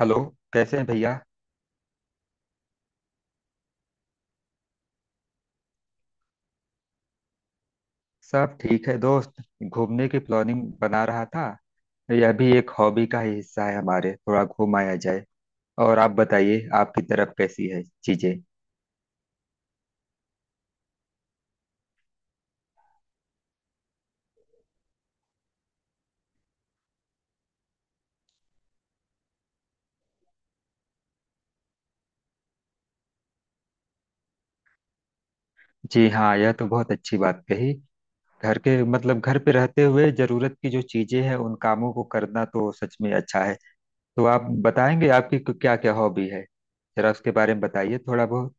Hello. कैसे हैं भैया? सब ठीक है दोस्त। घूमने की प्लानिंग बना रहा था। यह भी एक हॉबी का ही हिस्सा है, हमारे थोड़ा घुमाया जाए। और आप बताइए, आपकी तरफ कैसी है चीजें? जी हाँ, यह तो बहुत अच्छी बात कही। घर के घर पे रहते हुए जरूरत की जो चीजें हैं, उन कामों को करना तो सच में अच्छा है। तो आप बताएंगे, आपकी क्या क्या हॉबी है? जरा उसके बारे में बताइए थोड़ा बहुत।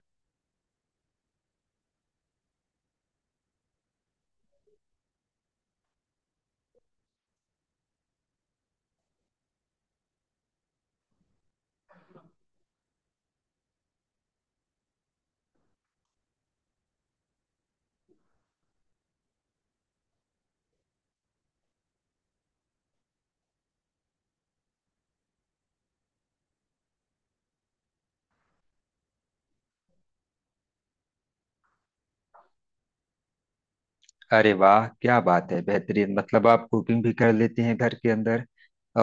अरे वाह, क्या बात है! बेहतरीन, मतलब आप कुकिंग भी कर लेती हैं घर के अंदर,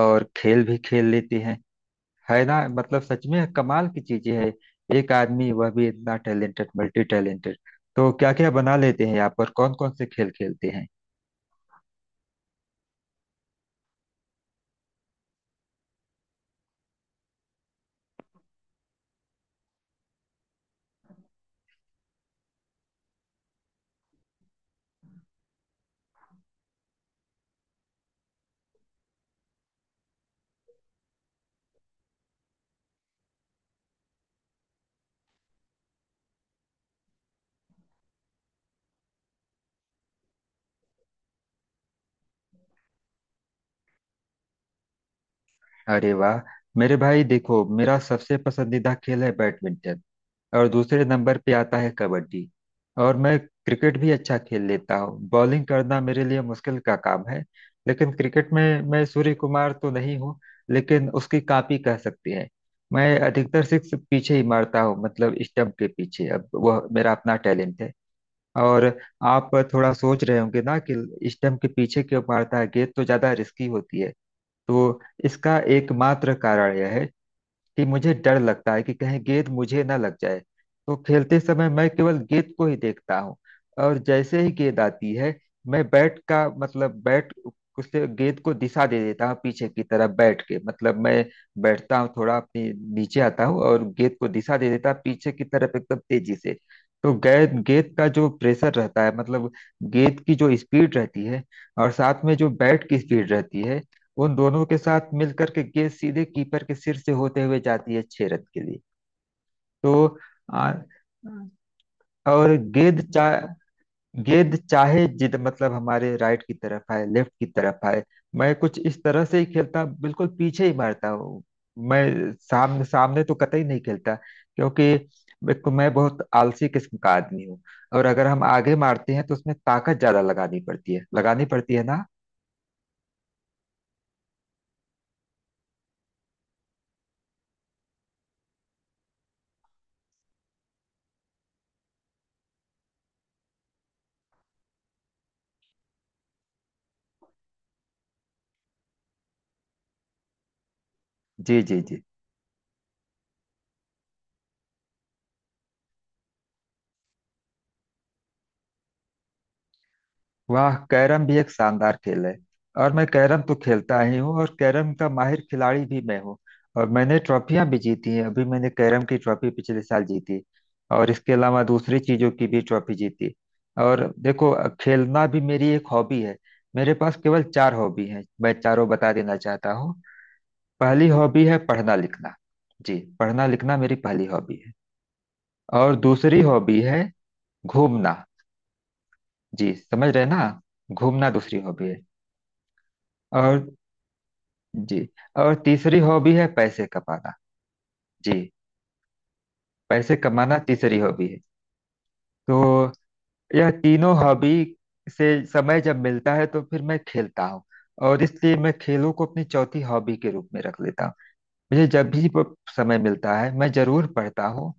और खेल भी खेल लेती हैं। है ना? मतलब सच में कमाल की चीजें है। एक आदमी वह भी इतना टैलेंटेड, मल्टी टैलेंटेड। तो क्या क्या बना लेते हैं आप, और कौन कौन से खेल खेलते हैं? अरे वाह मेरे भाई, देखो मेरा सबसे पसंदीदा खेल है बैडमिंटन। और दूसरे नंबर पे आता है कबड्डी। और मैं क्रिकेट भी अच्छा खेल लेता हूँ। बॉलिंग करना मेरे लिए मुश्किल का काम है, लेकिन क्रिकेट में मैं सूर्य कुमार तो नहीं हूँ, लेकिन उसकी कॉपी कह सकते हैं। मैं अधिकतर सिक्स पीछे ही मारता हूँ, मतलब स्टंप के पीछे। अब वह मेरा अपना टैलेंट है। और आप थोड़ा सोच रहे होंगे ना कि स्टंप के पीछे क्यों मारता है, गेंद तो ज्यादा रिस्की होती है। तो इसका एकमात्र कारण यह है कि मुझे डर लगता है कि कहीं गेंद मुझे ना लग जाए, तो खेलते समय मैं केवल गेंद को ही देखता हूँ। और जैसे ही गेंद आती है, मैं बैट का मतलब बैट, उससे गेंद को दिशा दे देता हूँ पीछे की तरफ। बैठ के, मतलब मैं बैठता हूँ थोड़ा, अपने नीचे आता हूँ, और गेंद को दिशा दे देता हूँ पीछे की तरफ एकदम तेजी से। तो गेंद गेंद का जो प्रेशर रहता है, मतलब गेंद की जो स्पीड रहती है, और साथ में जो बैट की स्पीड रहती है, उन दोनों के साथ मिलकर के गेंद सीधे कीपर के सिर से होते हुए जाती है 6 रन के लिए। तो आ, और गेंद चा गेंद चाहे जिद मतलब हमारे राइट की तरफ आए, लेफ्ट की तरफ आए, मैं कुछ इस तरह से ही खेलता, बिल्कुल पीछे ही मारता हूँ। मैं सामने सामने तो कतई नहीं खेलता, क्योंकि एक तो मैं बहुत आलसी किस्म का आदमी हूँ, और अगर हम आगे मारते हैं तो उसमें ताकत ज्यादा लगानी पड़ती है। लगानी पड़ती है ना? जी जी जी वाह, कैरम भी एक शानदार खेल है। और मैं कैरम तो खेलता ही हूँ, और कैरम का माहिर खिलाड़ी भी मैं हूँ। और मैंने ट्रॉफियां भी जीती हैं। अभी मैंने कैरम की ट्रॉफी पिछले साल जीती, और इसके अलावा दूसरी चीजों की भी ट्रॉफी जीती। और देखो, खेलना भी मेरी एक हॉबी है। मेरे पास केवल चार हॉबी हैं, मैं चारों बता देना चाहता हूँ। पहली हॉबी है पढ़ना लिखना। जी, पढ़ना लिखना मेरी पहली हॉबी है। और दूसरी हॉबी है घूमना। जी, समझ रहे ना? घूमना दूसरी हॉबी है। और जी, और तीसरी हॉबी है पैसे कमाना। जी, पैसे कमाना तीसरी हॉबी है। तो यह तीनों हॉबी से समय जब मिलता है, तो फिर मैं खेलता हूँ। और इसलिए मैं खेलों को अपनी चौथी हॉबी के रूप में रख लेता हूँ। मुझे जब भी समय मिलता है, मैं जरूर पढ़ता हूँ।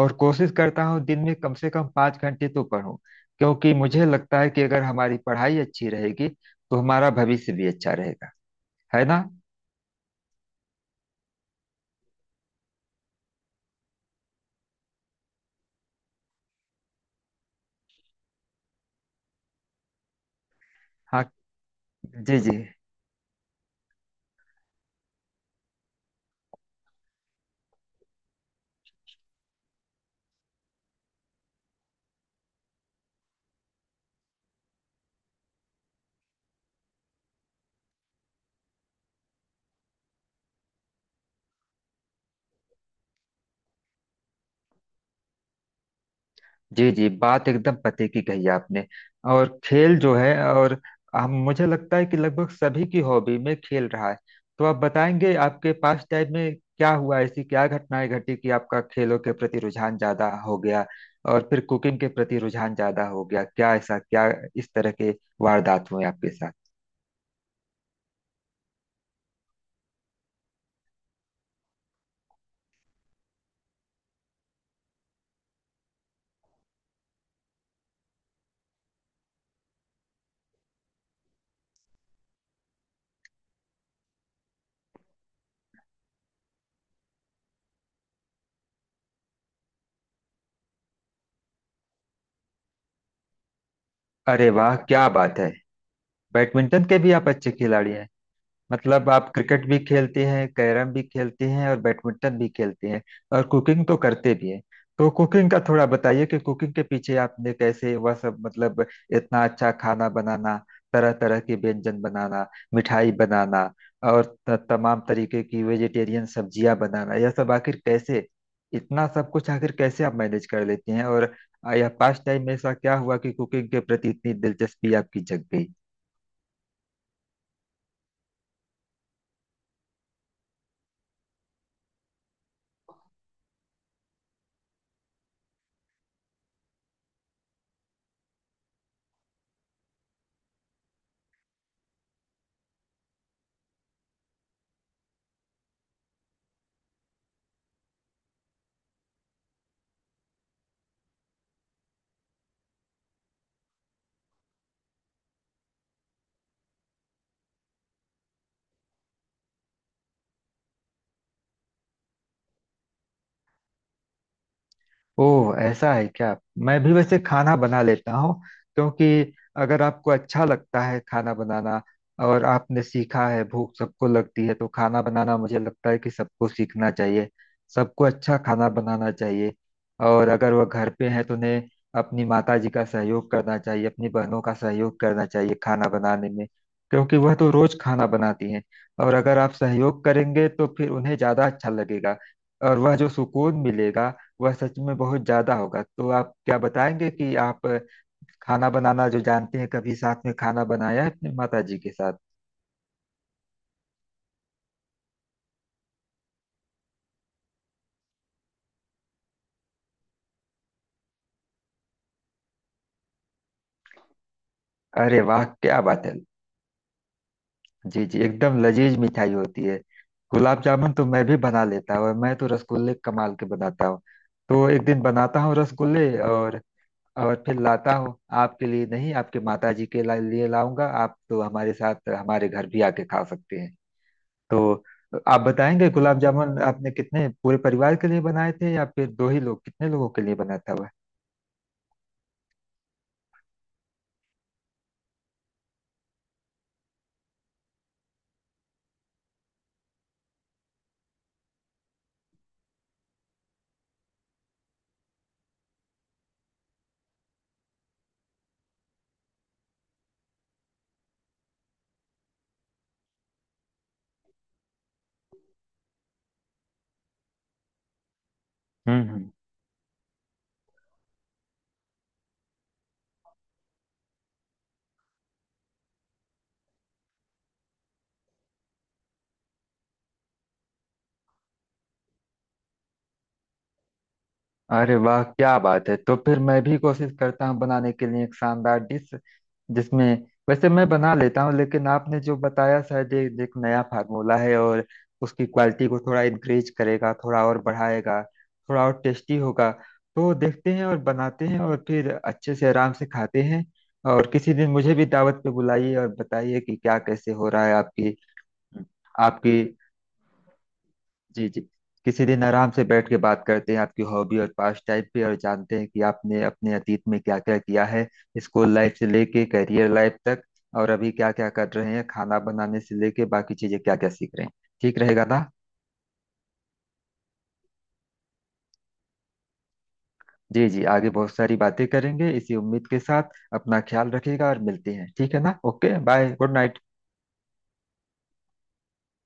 और कोशिश करता हूँ दिन में कम से कम 5 घंटे तो पढूं, क्योंकि मुझे लगता है कि अगर हमारी पढ़ाई अच्छी रहेगी तो हमारा भविष्य भी अच्छा रहेगा। है ना? हाँ। जी जी जी। जी, बात एकदम पते की कही आपने। और खेल जो है, और हम मुझे लगता है कि लगभग सभी की हॉबी में खेल रहा है। तो आप बताएंगे, आपके पास टाइम में क्या हुआ, ऐसी क्या घटनाएं घटी कि आपका खेलों के प्रति रुझान ज्यादा हो गया, और फिर कुकिंग के प्रति रुझान ज्यादा हो गया? क्या ऐसा, क्या इस तरह के वारदात हुए आपके साथ? अरे वाह, क्या बात है! बैडमिंटन के भी आप अच्छे खिलाड़ी हैं। मतलब आप क्रिकेट भी खेलती हैं, कैरम भी खेलती हैं, और बैडमिंटन भी खेलती हैं। और कुकिंग तो करते भी हैं। तो कुकिंग का थोड़ा बताइए कि कुकिंग के पीछे आपने कैसे वह सब, मतलब इतना अच्छा खाना बनाना, तरह तरह के व्यंजन बनाना, मिठाई बनाना, और तमाम तरीके की वेजिटेरियन सब्जियां बनाना, यह सब आखिर कैसे, इतना सब कुछ आखिर कैसे आप मैनेज कर लेती हैं? और यह पास्ट टाइम में ऐसा क्या हुआ कि कुकिंग के प्रति इतनी दिलचस्पी आपकी जग गई? ओह, ऐसा है क्या? मैं भी वैसे खाना बना लेता हूँ, क्योंकि अगर आपको अच्छा लगता है खाना बनाना, और आपने सीखा है, भूख सबको लगती है, तो खाना बनाना मुझे लगता है कि सबको सीखना चाहिए। सबको अच्छा खाना बनाना चाहिए। और अगर वह घर पे हैं तो उन्हें अपनी माता जी का सहयोग करना चाहिए, अपनी बहनों का सहयोग करना चाहिए खाना बनाने में, क्योंकि वह तो रोज खाना बनाती हैं। और अगर आप सहयोग करेंगे, तो फिर उन्हें ज्यादा अच्छा लगेगा, और वह जो सुकून मिलेगा, वह सच में बहुत ज्यादा होगा। तो आप क्या बताएंगे कि आप खाना बनाना जो जानते हैं, कभी साथ में खाना बनाया है अपने माता जी के साथ? अरे वाह, क्या बात है! जी जी, एकदम लजीज मिठाई होती है। गुलाब जामुन तो मैं भी बना लेता हूँ, और मैं तो रसगुल्ले कमाल के बनाता हूँ। तो एक दिन बनाता हूँ रसगुल्ले, और फिर लाता हूँ। आपके लिए नहीं, आपके माता जी के लिए लाऊंगा। आप तो हमारे साथ हमारे घर भी आके खा सकते हैं। तो आप बताएंगे, गुलाब जामुन आपने कितने, पूरे परिवार के लिए बनाए थे या फिर दो ही लोग, कितने लोगों के लिए बना था वह? हम्म। अरे वाह, क्या बात है! तो फिर मैं भी कोशिश करता हूँ बनाने के लिए एक शानदार डिश, जिसमें, वैसे मैं बना लेता हूँ, लेकिन आपने जो बताया शायद ये एक नया फार्मूला है, और उसकी क्वालिटी को थोड़ा इंक्रीज करेगा, थोड़ा और बढ़ाएगा, थोड़ा और टेस्टी होगा। तो देखते हैं और बनाते हैं, और फिर अच्छे से आराम से खाते हैं। और किसी दिन मुझे भी दावत पे बुलाइए, और बताइए कि क्या कैसे हो रहा है आपकी आपकी जी जी, किसी दिन आराम से बैठ के बात करते हैं, आपकी हॉबी और पास टाइप पे, और जानते हैं कि आपने अपने अतीत में क्या क्या किया है, स्कूल लाइफ से लेके करियर लाइफ तक, और अभी क्या क्या कर रहे हैं, खाना बनाने से लेके बाकी चीजें क्या क्या सीख रहे हैं। ठीक रहेगा ना? जी जी, आगे बहुत सारी बातें करेंगे, इसी उम्मीद के साथ अपना ख्याल रखिएगा, और मिलते हैं। ठीक है ना? Okay, bye, good night.